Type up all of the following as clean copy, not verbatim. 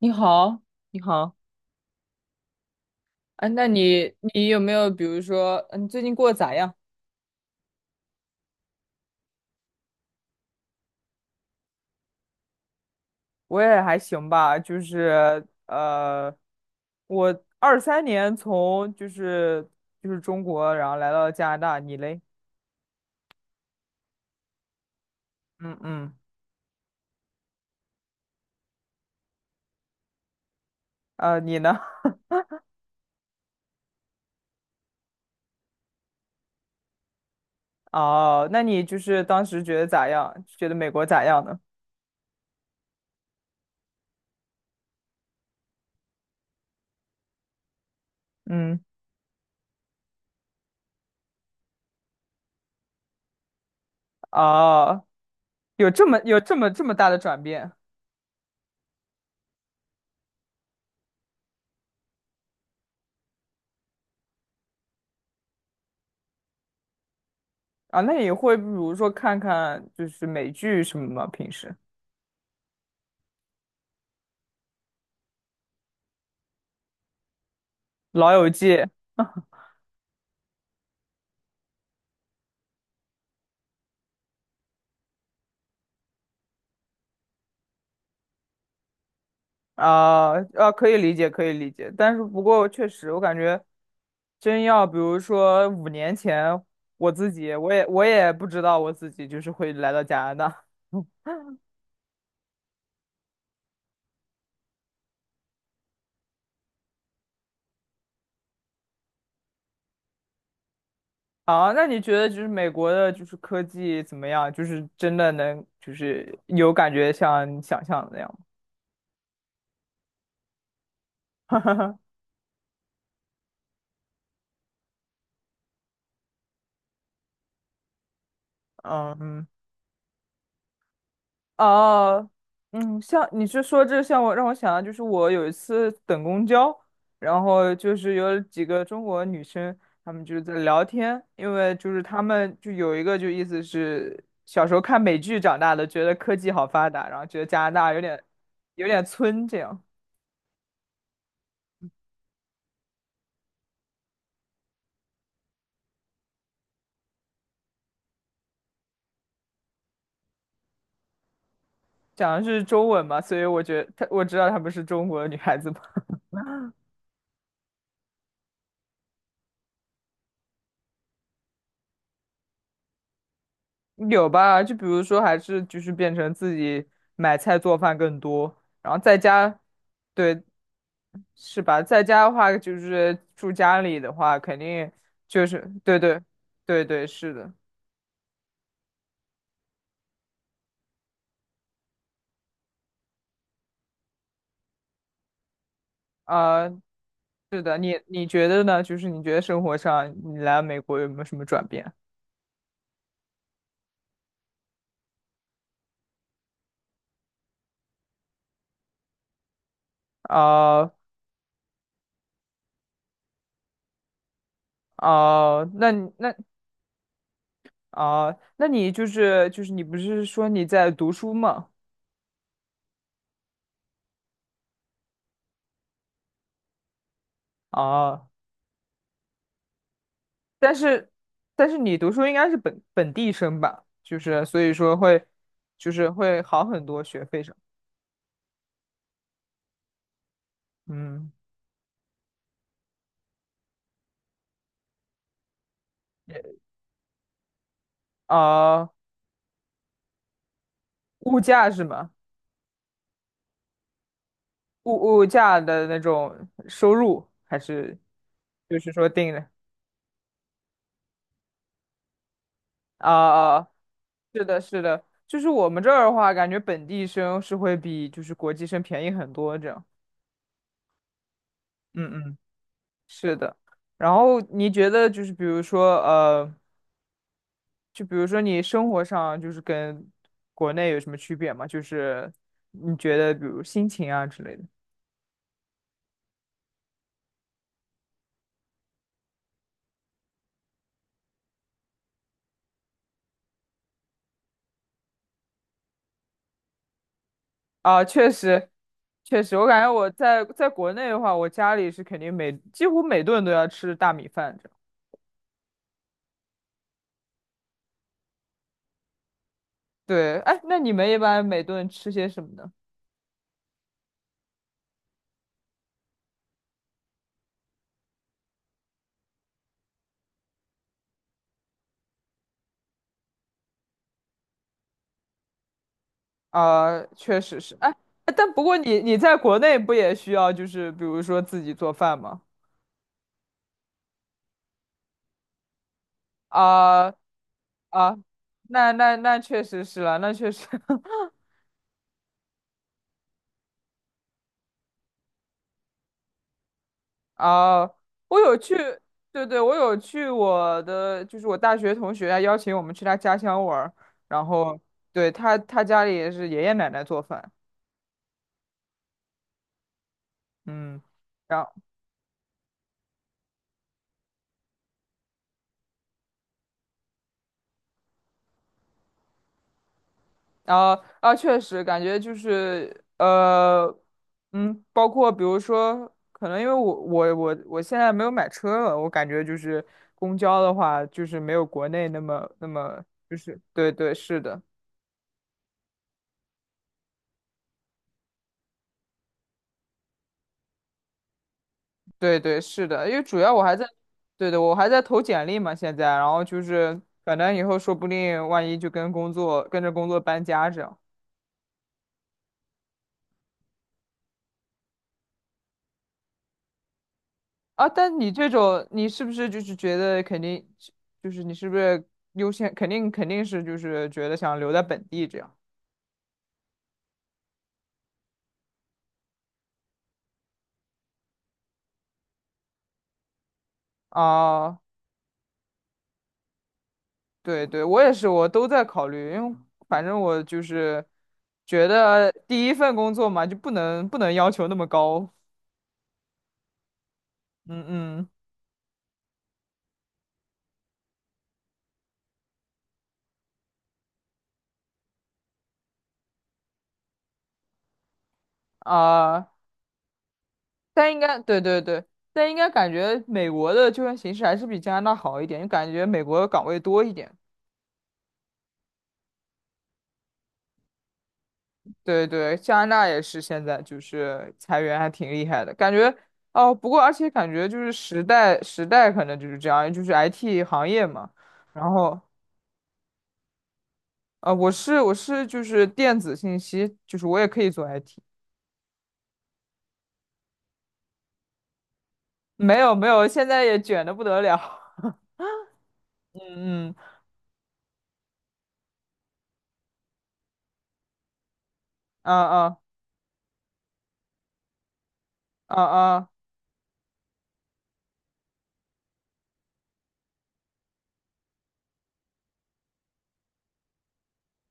你好，你好。哎，那你有没有比如说，最近过得咋样？我也还行吧，就是我二三年从就是中国，然后来到加拿大，你嘞？嗯嗯。你呢？哦，那你就是当时觉得咋样？觉得美国咋样呢？嗯，哦，有这么这么大的转变？啊？那你会比如说看看就是美剧什么吗？平时《老友记》？啊啊，可以理解，可以理解，但是不过确实，我感觉真要比如说五年前，我自己我也不知道我自己就是会来到加拿大。啊，那你觉得就是美国的就是科技怎么样？就是真的能就是有感觉像你想象的那样吗？嗯。哦，嗯，像你是说这像我让我想到，就是我有一次等公交，然后就是有几个中国女生，她们就是在聊天，因为就是她们就有一个就意思是小时候看美剧长大的，觉得科技好发达，然后觉得加拿大有点有点村这样。讲的是中文嘛，所以我觉得她我知道她们是中国女孩子嘛。有吧？就比如说还是就是变成自己买菜做饭更多，然后在家。对，是吧？在家的话，就是住家里的话，肯定就是对，是的。啊、是的。你你觉得呢？就是你觉得生活上你来美国有没有什么转变？啊。啊、那你那啊、那你就是就是你不是说你在读书吗？啊、但是但是你读书应该是本地生吧？就是所以说会就是会好很多学费上。嗯。啊、物价是吗？物价的那种收入，还是就是说定的。啊啊，是的，是的，就是我们这儿的话，感觉本地生是会比就是国际生便宜很多，这样。嗯嗯，是的。然后你觉得就是比如说就比如说你生活上就是跟国内有什么区别吗？就是你觉得比如心情啊之类的。啊，确实。确实，我感觉我在在国内的话，我家里是肯定每几乎每顿都要吃大米饭。这。对，哎，那你们一般每顿吃些什么呢？确实是。哎，哎但不过你你在国内不也需要就是比如说自己做饭吗？啊、啊，那那那确实是了，那确实。 啊，我有去，对对，我有去我的，就是我大学同学他邀请我们去他家乡玩儿，然后对他他家里也是爷爷奶奶做饭。嗯，然后。啊啊，确实感觉就是包括比如说，可能因为我现在没有买车了，我感觉就是公交的话，就是没有国内那么那么。就是对对是的。对对是的，因为主要我还在，对对，我还在投简历嘛，现在，然后就是反正以后说不定万一就跟工作跟着工作搬家这样。啊，但你这种，你是不是就是觉得肯定，就是你是不是优先，肯定肯定是就是觉得想留在本地这样。啊？对对，我也是，我都在考虑，因为反正我就是觉得第一份工作嘛，就不能不能要求那么高。嗯嗯。啊，但应该对对对，但应该感觉美国的就业形势还是比加拿大好一点，就感觉美国的岗位多一点。对对，加拿大也是现在就是裁员还挺厉害的，感觉。哦。不过而且感觉就是时代可能就是这样，就是 IT 行业嘛。然后我就是电子信息，就是我也可以做 IT。没有没有，现在也卷的不得了。嗯嗯。啊啊。啊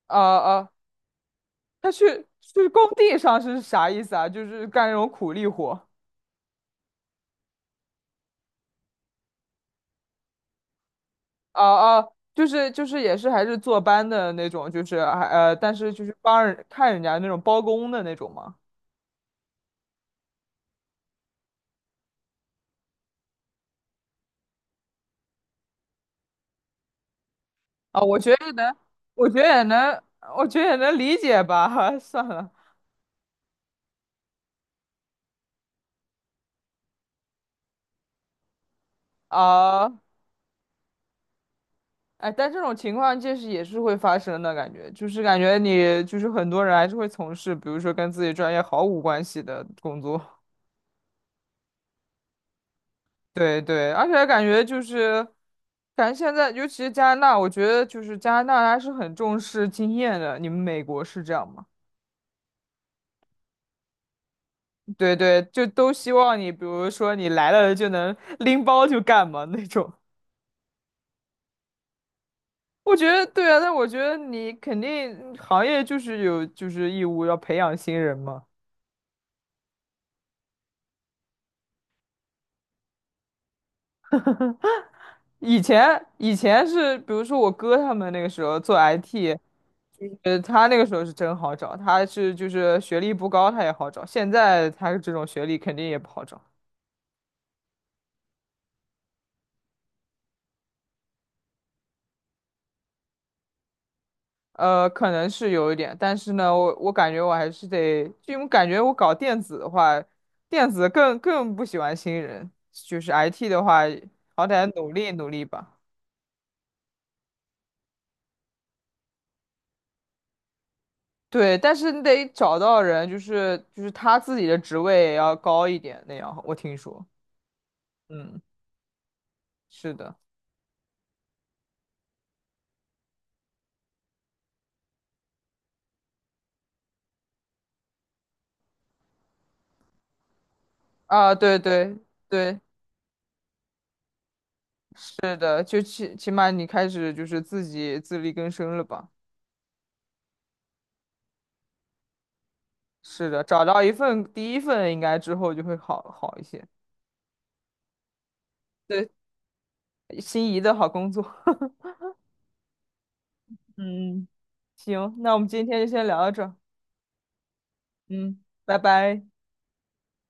啊啊！他去去工地上是啥意思啊？就是干那种苦力活。哦哦，就是就是也是还是坐班的那种，就是还但是就是帮人看人家那种包工的那种嘛。啊、我觉得也能，我觉得也能，我觉得也能理解吧。算了。啊，哎，但这种情况就是也是会发生的感觉，就是感觉你就是很多人还是会从事，比如说跟自己专业毫无关系的工作。对对，而且感觉就是，感觉现在尤其是加拿大，我觉得就是加拿大还是很重视经验的。你们美国是这样吗？对对，就都希望你，比如说你来了就能拎包就干嘛那种。我觉得对啊，但我觉得你肯定行业就是有就是义务要培养新人嘛。以前以前是，比如说我哥他们那个时候做 IT，他那个时候是真好找，他是就是学历不高他也好找，现在他这种学历肯定也不好找。可能是有一点，但是呢，我感觉我还是得，就因为感觉我搞电子的话，电子更更不喜欢新人，就是 IT 的话，好歹努力努力吧。对，但是你得找到人，就是他自己的职位也要高一点那样，我听说。嗯，是的。啊，对对对，是的，就起起码你开始就是自己自力更生了吧？是的，找到一份第一份，应该之后就会好好一些。对。心仪的好工作。嗯。行，那我们今天就先聊到这儿。嗯。拜拜。